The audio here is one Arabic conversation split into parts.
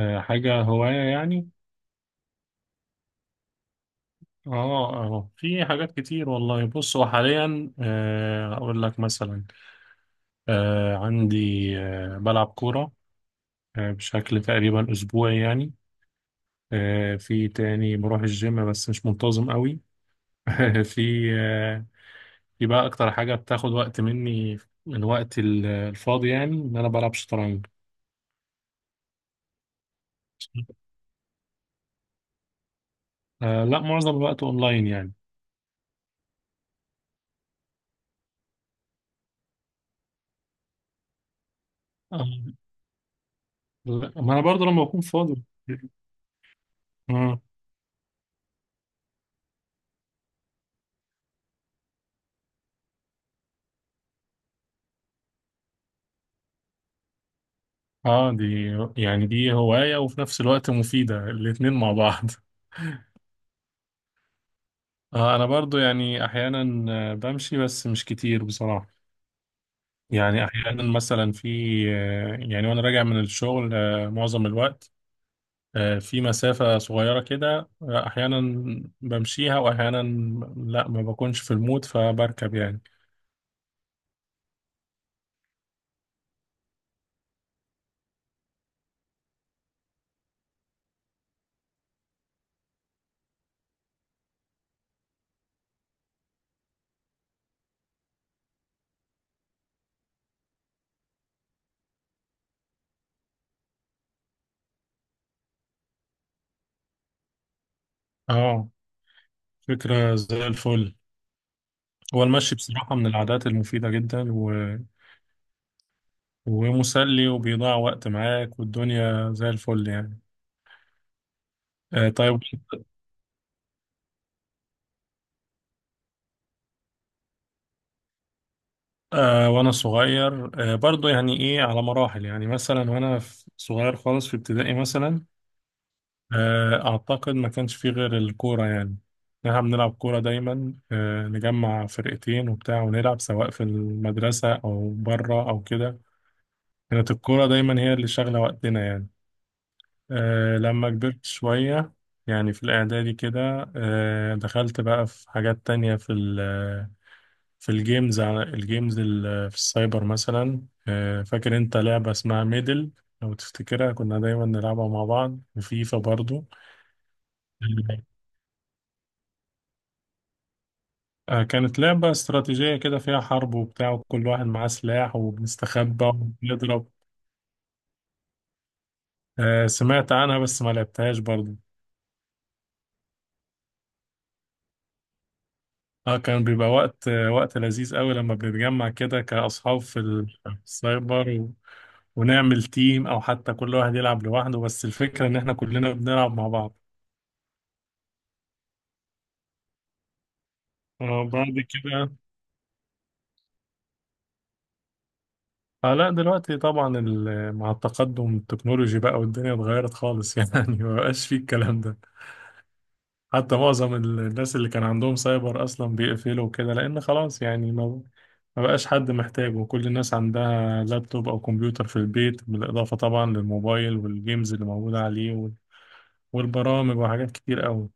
آه، حاجة هواية يعني. اه في حاجات كتير والله. بص، هو حاليا اقول لك مثلا. آه، عندي آه، بلعب كورة بشكل تقريبا اسبوعي يعني. في تاني بروح الجيم بس مش منتظم قوي. في آه، في بقى اكتر حاجة بتاخد وقت مني من وقت الفاضي يعني، ان انا بلعب شطرنج. لا، معظم الوقت اونلاين يعني. آه، لا، ما انا برضه لما بكون فاضي. آه. اه دي يعني دي هواية وفي نفس الوقت مفيدة، الاتنين مع بعض انا برضو يعني احيانا بمشي بس مش كتير بصراحة. يعني احيانا مثلا في آه، يعني وانا راجع من الشغل معظم الوقت، في مسافة صغيرة كده، احيانا بمشيها واحيانا لا، ما بكونش في المود فبركب يعني. اه، فكرة زي الفل. هو المشي بصراحة من العادات المفيدة جدا و... ومسلي، وبيضيع وقت معاك والدنيا زي الفل يعني. طيب، وانا صغير برضو يعني ايه، على مراحل. يعني مثلا وانا صغير خالص، في ابتدائي مثلا. اعتقد ما كانش فيه غير الكورة يعني. احنا بنلعب كورة دايما، نجمع فرقتين وبتاع، ونلعب سواء في المدرسة او بره او كده. كانت الكورة دايما هي اللي شاغلة وقتنا يعني. لما كبرت شوية، يعني في الاعدادي كده، دخلت بقى في حاجات تانية. في الجيمز، على في السايبر مثلا. فاكر انت لعبة اسمها ميدل؟ لو تفتكرها كنا دايما نلعبها مع بعض، وفيفا برضو. كانت لعبة استراتيجية كده، فيها حرب وبتاع، وكل واحد معاه سلاح، وبنستخبى وبنضرب. سمعت عنها بس ما لعبتهاش برضو. اه، كان بيبقى وقت وقت لذيذ قوي لما بنتجمع كده كأصحاب في في السايبر، و- ونعمل تيم او حتى كل واحد يلعب لوحده، بس الفكرة ان احنا كلنا بنلعب مع بعض. بعد كده اه، لا دلوقتي طبعا، مع التقدم التكنولوجي بقى، والدنيا اتغيرت خالص يعني ما بقاش فيه الكلام ده. حتى معظم الناس اللي كان عندهم سايبر اصلا بيقفلوا كده، لان خلاص يعني ما بقاش حد محتاجه. وكل الناس عندها لابتوب او كمبيوتر في البيت، بالاضافة طبعا للموبايل والجيمز اللي موجودة عليه وال- والبرامج، وحاجات كتير قوي.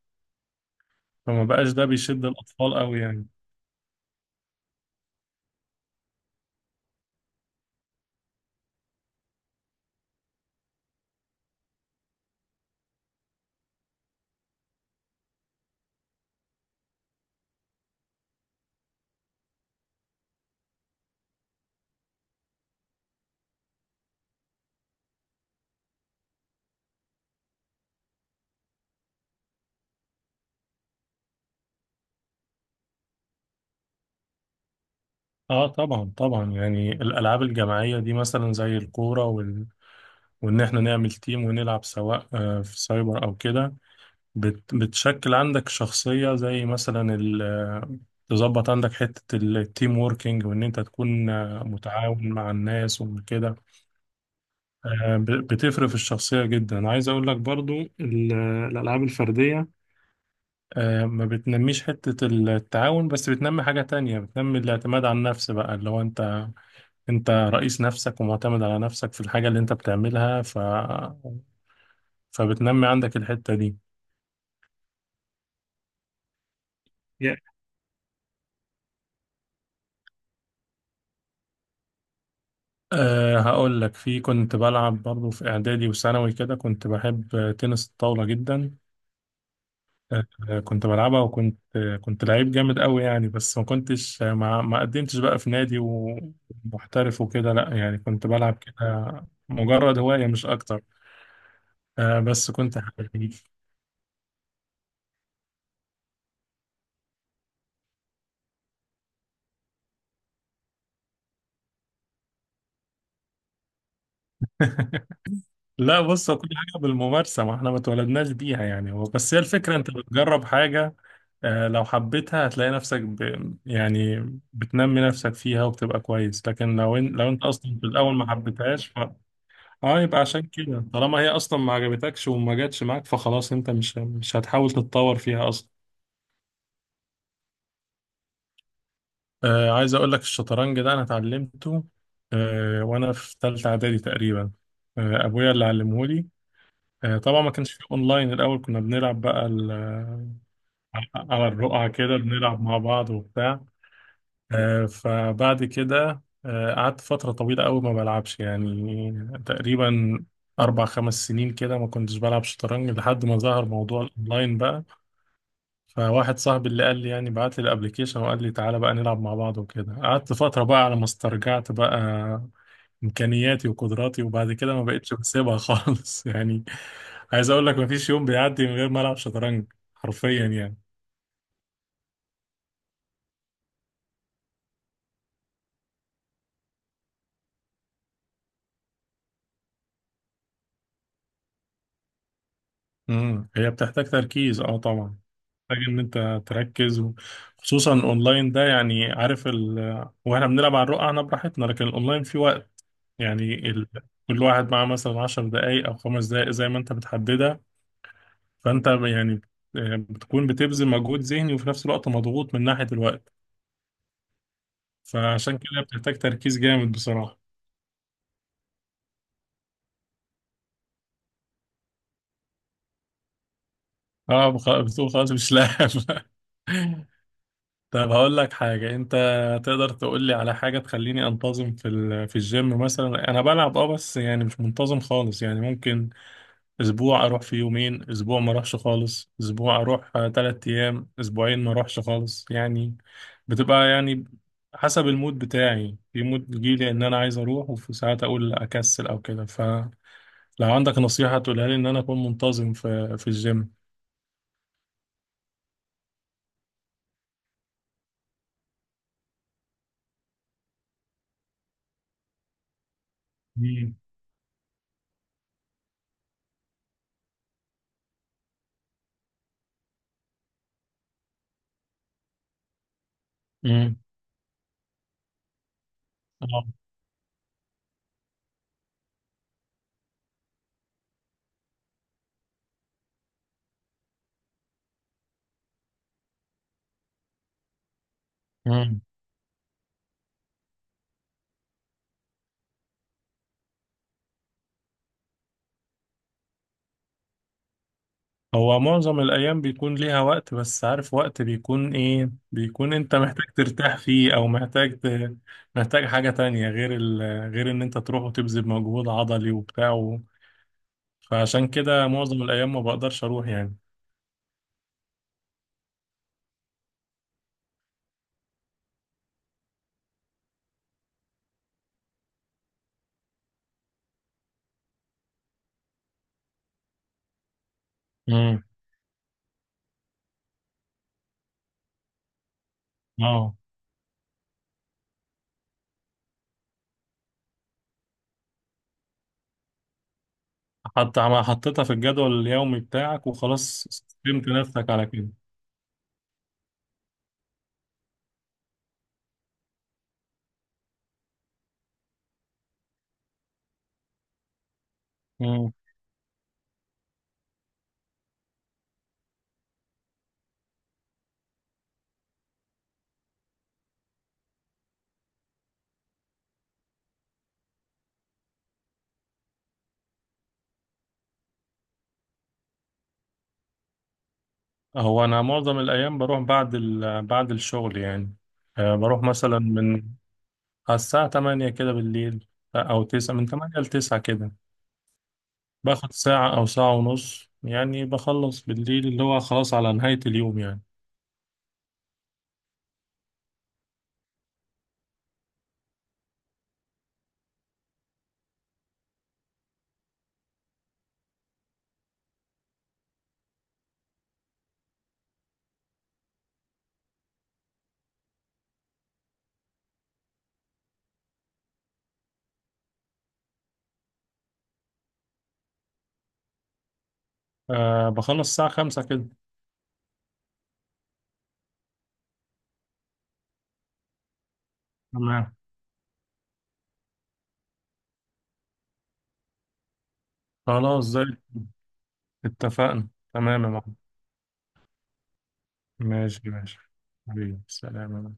فما بقاش ده بيشد الاطفال قوي يعني. اه طبعا طبعا، يعني الالعاب الجماعية دي مثلا زي الكورة، وإن إحنا نعمل تيم ونلعب سواء في سايبر أو كده، بتشكل عندك شخصية، زي مثلا تظبط عندك حتة التيم ووركينج، وإن أنت تكون متعاون مع الناس وكده. بتفرق في الشخصية جدا، عايز أقول لك برضو الألعاب الفردية ما بتنميش حتة التعاون، بس بتنمي حاجة تانية، بتنمي الاعتماد على النفس بقى، اللي هو انت رئيس نفسك ومعتمد على نفسك في الحاجة اللي انت بتعملها. فبتنمي عندك الحتة دي. يا- هقول لك. في، كنت بلعب برضه في إعدادي وثانوي كده، كنت بحب تنس الطاولة جدا. أه كنت بلعبها، وكنت آه، كنت لعيب جامد قوي يعني، بس ما كنتش ما قدمتش بقى في نادي ومحترف وكده، لا يعني كنت بلعب كده مجرد هواية مش أكتر. بس كنت حبيب لا، بص هو كل حاجة بالممارسة، ما احنا ما اتولدناش بيها يعني، هو بس هي الفكرة، انت بتجرب حاجة لو حبيتها هتلاقي نفسك يعني بتنمي نفسك فيها وبتبقى كويس. لكن لو انت اصلا في الاول ما حبيتهاش اه يبقى عشان كده، طالما هي اصلا ما عجبتكش وما جاتش معاك فخلاص انت مش هتحاول تتطور فيها اصلا. عايز اقول لك، الشطرنج ده انا اتعلمته وانا في ثالثة اعدادي تقريبا. ابويا اللي علمهولي. طبعا ما كانش في اونلاين، الاول كنا بنلعب بقى على الرقعة كده بنلعب مع بعض وبتاع. فبعد كده قعدت فترة طويلة قوي ما بلعبش يعني. تقريبا 4 5 سنين كده ما كنتش بلعب شطرنج لحد ما ظهر موضوع الأونلاين بقى. فواحد صاحبي اللي قال لي، يعني بعت لي الأبليكيشن وقال لي تعالى بقى نلعب مع بعض، وكده قعدت فترة بقى على ما استرجعت بقى امكانياتي وقدراتي. وبعد كده ما بقتش بسيبها خالص يعني. عايز اقول لك، ما فيش يوم بيعدي من غير ما العب شطرنج، حرفيا يعني. هي بتحتاج تركيز، اه طبعا، محتاج ان انت تركز خصوصا اونلاين ده. يعني عارف، واحنا بنلعب على الرقعة انا براحتنا، لكن الاونلاين في وقت، يعني كل واحد معاه مثلا 10 دقايق او 5 دقايق زي ما انت بتحددها. فانت يعني بتكون بتبذل مجهود ذهني وفي نفس الوقت مضغوط من ناحية الوقت. فعشان كده بتحتاج تركيز جامد بصراحة. بتقول خلاص مش لاعب طب هقول لك حاجة، انت تقدر تقول لي على حاجة تخليني انتظم في في الجيم مثلا؟ انا بلعب اه، بس يعني مش منتظم خالص يعني. ممكن اسبوع اروح في يومين، اسبوع ما اروحش خالص، اسبوع اروح 3 ايام، اسبوعين ما اروحش خالص يعني. بتبقى يعني حسب المود بتاعي، في مود بيجيلي ان انا عايز اروح، وفي ساعات اقول اكسل او كده. فلو عندك نصيحة تقولها لي ان انا اكون منتظم في الجيم. مم. مم. اه، هو معظم الأيام بيكون ليها وقت، بس عارف وقت بيكون إيه، بيكون أنت محتاج ترتاح فيه، أو محتاج محتاج حاجة تانية غير غير إن أنت تروح وتبذل مجهود عضلي وبتاع فعشان كده معظم الأيام ما بقدرش أروح يعني. امم اه حطيتها في الجدول اليومي بتاعك، وخلاص استسلمت نفسك على كده. امم هو أنا معظم الأيام بروح بعد بعد الشغل يعني. بروح مثلا على الساعة 8 كده بالليل، أو 9، من تمانية لتسعة كده. باخد ساعة أو ساعة ونص يعني، بخلص بالليل اللي هو خلاص على نهاية اليوم يعني. بخلص الساعة 5 كده. تمام، خلاص زي، اتفقنا. تمام يا معلم. ماشي ماشي، حبيبي سلام يا معلم.